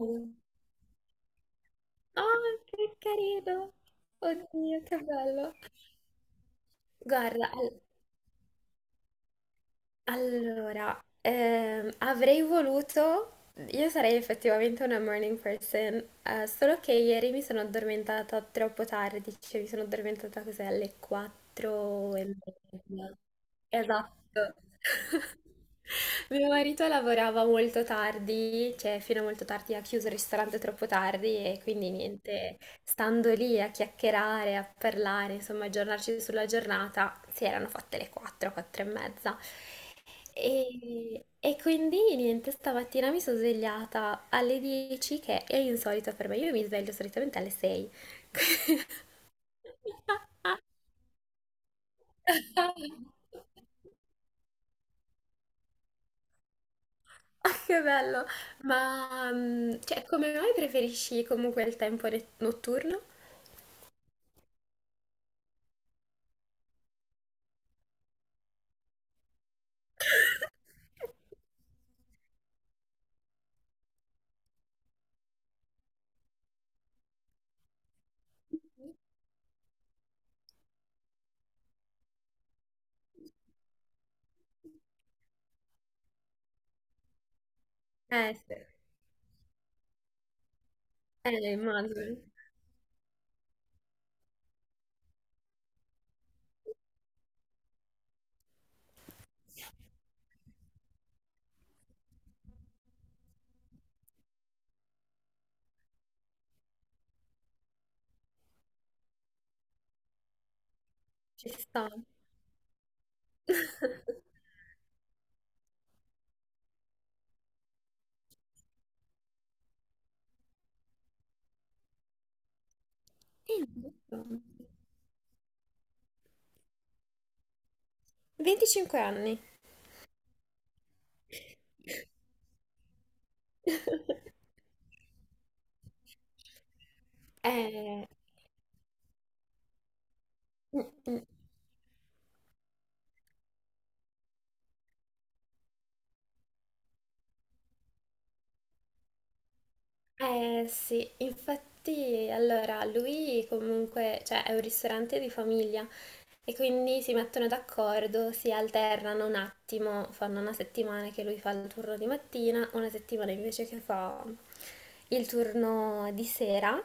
Oh, che carino! Oddio, che bello! Guarda, allora, avrei voluto, io sarei effettivamente una morning person, solo che ieri mi sono addormentata troppo tardi, cioè mi sono addormentata così alle 4 e mezza. Esatto. Mio marito lavorava molto tardi, cioè fino a molto tardi, ha chiuso il ristorante troppo tardi e quindi niente, stando lì a chiacchierare, a parlare, insomma, a aggiornarci sulla giornata, si erano fatte le 4, 4 e mezza. E quindi niente, stamattina mi sono svegliata alle 10, che è insolito per me. Io mi sveglio solitamente alle 6. Ah, che bello! Ma cioè, come mai preferisci comunque il tempo notturno? Sì. Immagino. Ci sta. Esatto. 25 anni. Eh, mm, mm. Sì, infatti, allora, lui comunque, cioè, è un ristorante di famiglia e quindi si mettono d'accordo, si alternano un attimo, fanno una settimana che lui fa il turno di mattina, una settimana invece che fa il turno di sera.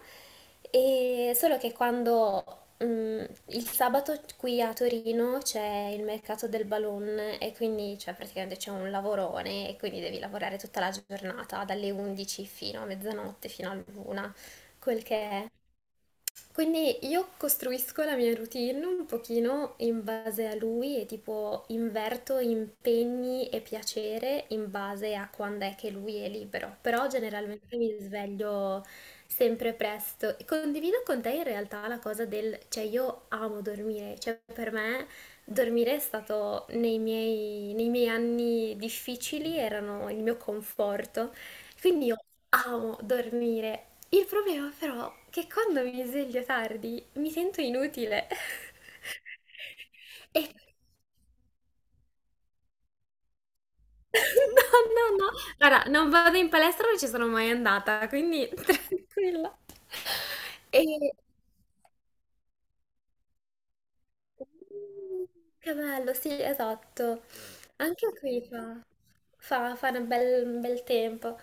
E solo che quando il sabato qui a Torino c'è il mercato del balloon e quindi cioè, praticamente c'è un lavorone e quindi devi lavorare tutta la giornata, dalle 11 fino a mezzanotte, fino all'una, quel che è. Quindi io costruisco la mia routine un pochino in base a lui e tipo inverto impegni e piacere in base a quando è che lui è libero, però generalmente mi sveglio sempre presto. E condivido con te in realtà la cosa del, cioè io amo dormire, cioè per me dormire è stato nei miei anni difficili, erano il mio conforto, quindi io amo dormire. Il problema però è che quando mi sveglio tardi mi sento inutile. E... No, no, no. Guarda, non vado in palestra, non ci sono mai andata, quindi tranquilla. E... Mm, Che bello, sì, esatto. Anche qui fa un bel tempo.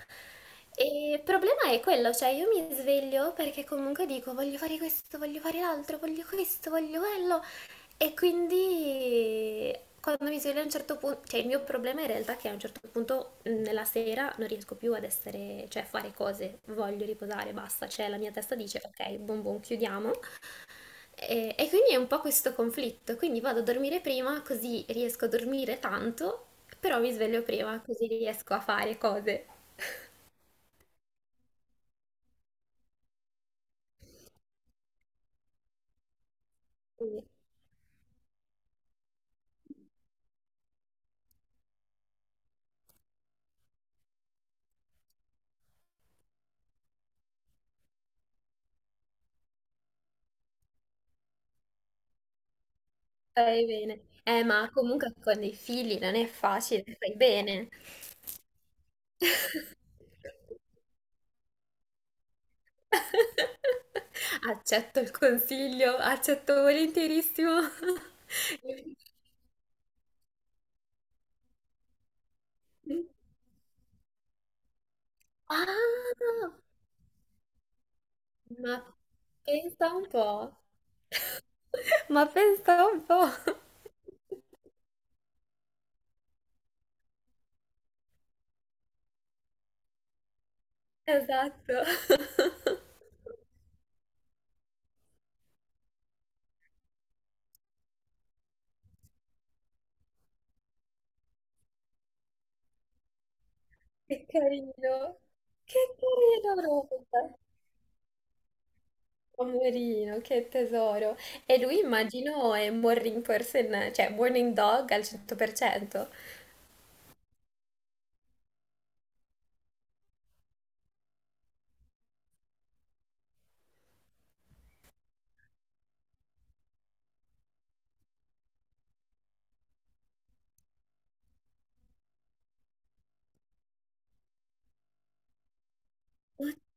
E il problema è quello, cioè io mi sveglio perché comunque dico voglio fare questo, voglio fare l'altro, voglio questo, voglio quello. E quindi quando mi sveglio a un certo punto, cioè il mio problema in realtà è che a un certo punto nella sera non riesco più ad essere, cioè a fare cose, voglio riposare, basta, cioè la mia testa dice ok, buon buon, chiudiamo. E quindi è un po' questo conflitto, quindi vado a dormire prima così riesco a dormire tanto, però mi sveglio prima così riesco a fare cose. Quindi fai bene. Ma comunque con dei figli non è facile, fai bene. Accetto il consiglio, accetto volentierissimo. Ah, ma pensa un po'. Ma pensa un po'. Esatto. Che carino, che carino Robert, poverino, che tesoro. E lui immagino è un morning person, cioè morning dog al 100%.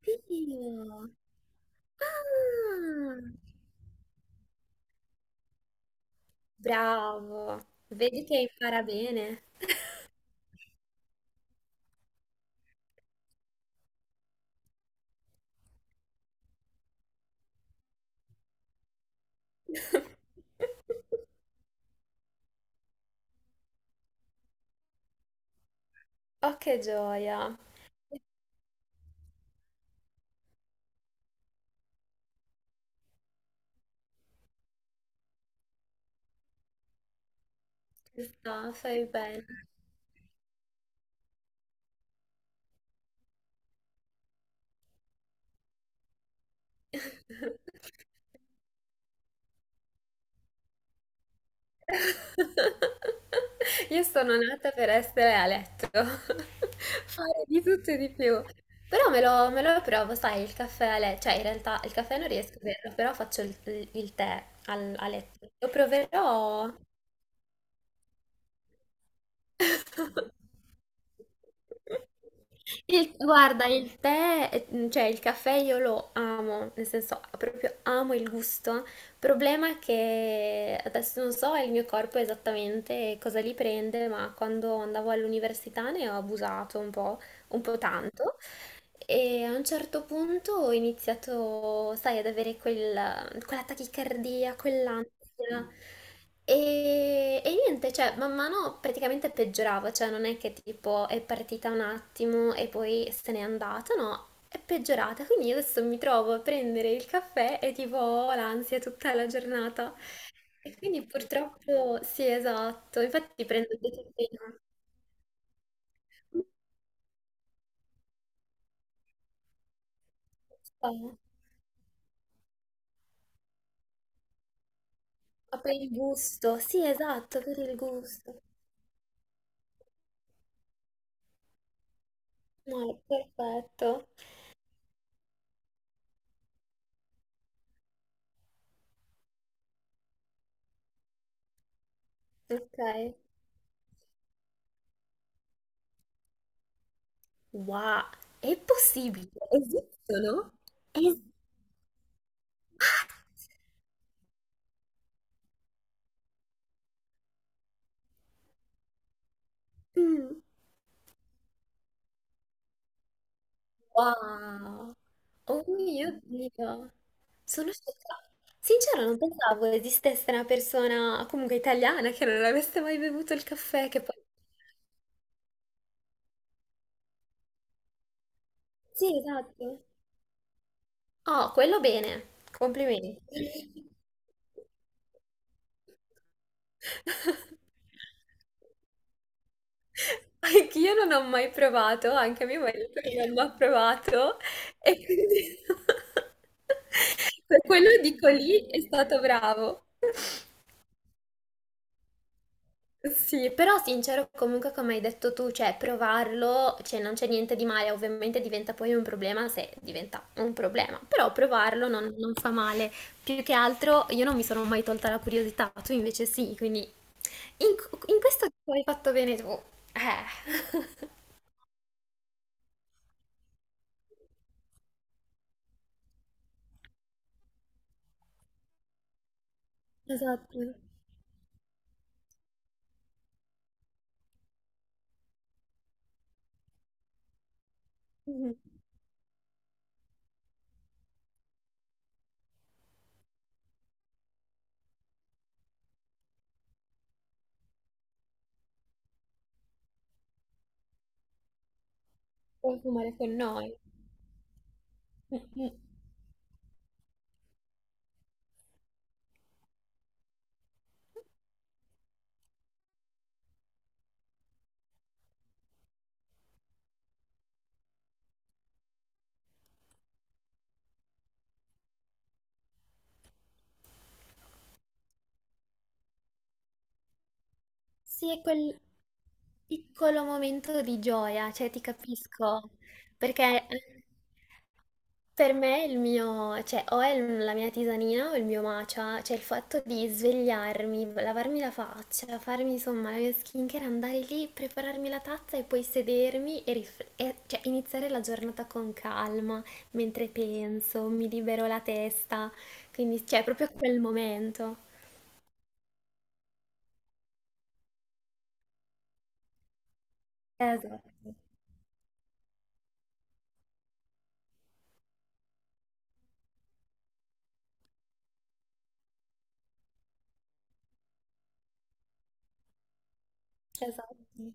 Oddio, ah, bravo, vedi che impara bene. Oh, che gioia, no, fai bene. Io sono nata per essere a letto, fare di tutto e di più. Però me lo provo, sai, il caffè a letto, cioè in realtà il caffè non riesco a berlo, però faccio il tè a letto. Lo proverò. Guarda, il tè, cioè il caffè io lo amo, nel senso proprio amo il gusto. Il problema è che adesso non so il mio corpo esattamente cosa li prende, ma quando andavo all'università ne ho abusato un po' tanto. E a un certo punto ho iniziato, sai, ad avere quella tachicardia, quell'ansia. E niente, cioè, man mano praticamente peggiorava, cioè non è che tipo è partita un attimo e poi se n'è andata, no, è peggiorata. Quindi io adesso mi trovo a prendere il caffè e tipo ho l'ansia tutta la giornata. E quindi purtroppo sì, esatto, infatti prendo il detergente. Ma per il gusto, sì, esatto, per il gusto. No, è perfetto. Ok. Wow, è possibile? Esistono? Es- Ah! Mm. Wow. Oh mio Dio. Sono scioccata. Sincero, non pensavo esistesse una persona comunque italiana che non avesse mai bevuto il caffè, che poi... Sì, esatto. Oh, quello bene. Complimenti. Anch'io non ho mai provato, anche mio marito non l'ha provato e quindi per quello dico lì è stato bravo. Sì, però sincero, comunque come hai detto tu, cioè provarlo, cioè non c'è niente di male, ovviamente diventa poi un problema se diventa un problema, però provarlo non fa male. Più che altro io non mi sono mai tolta la curiosità, tu invece sì, quindi in questo hai fatto bene tu. Eh. Esatto. Consumare con noi. Mm. Sì, è quel piccolo momento di gioia, cioè ti capisco, perché per me il mio, cioè o è la mia tisanina o il mio matcha, cioè il fatto di svegliarmi, lavarmi la faccia, farmi insomma la mia skincare, andare lì, prepararmi la tazza e poi sedermi e, cioè, iniziare la giornata con calma, mentre penso, mi libero la testa, quindi cioè è proprio quel momento. Esatto. Esatto.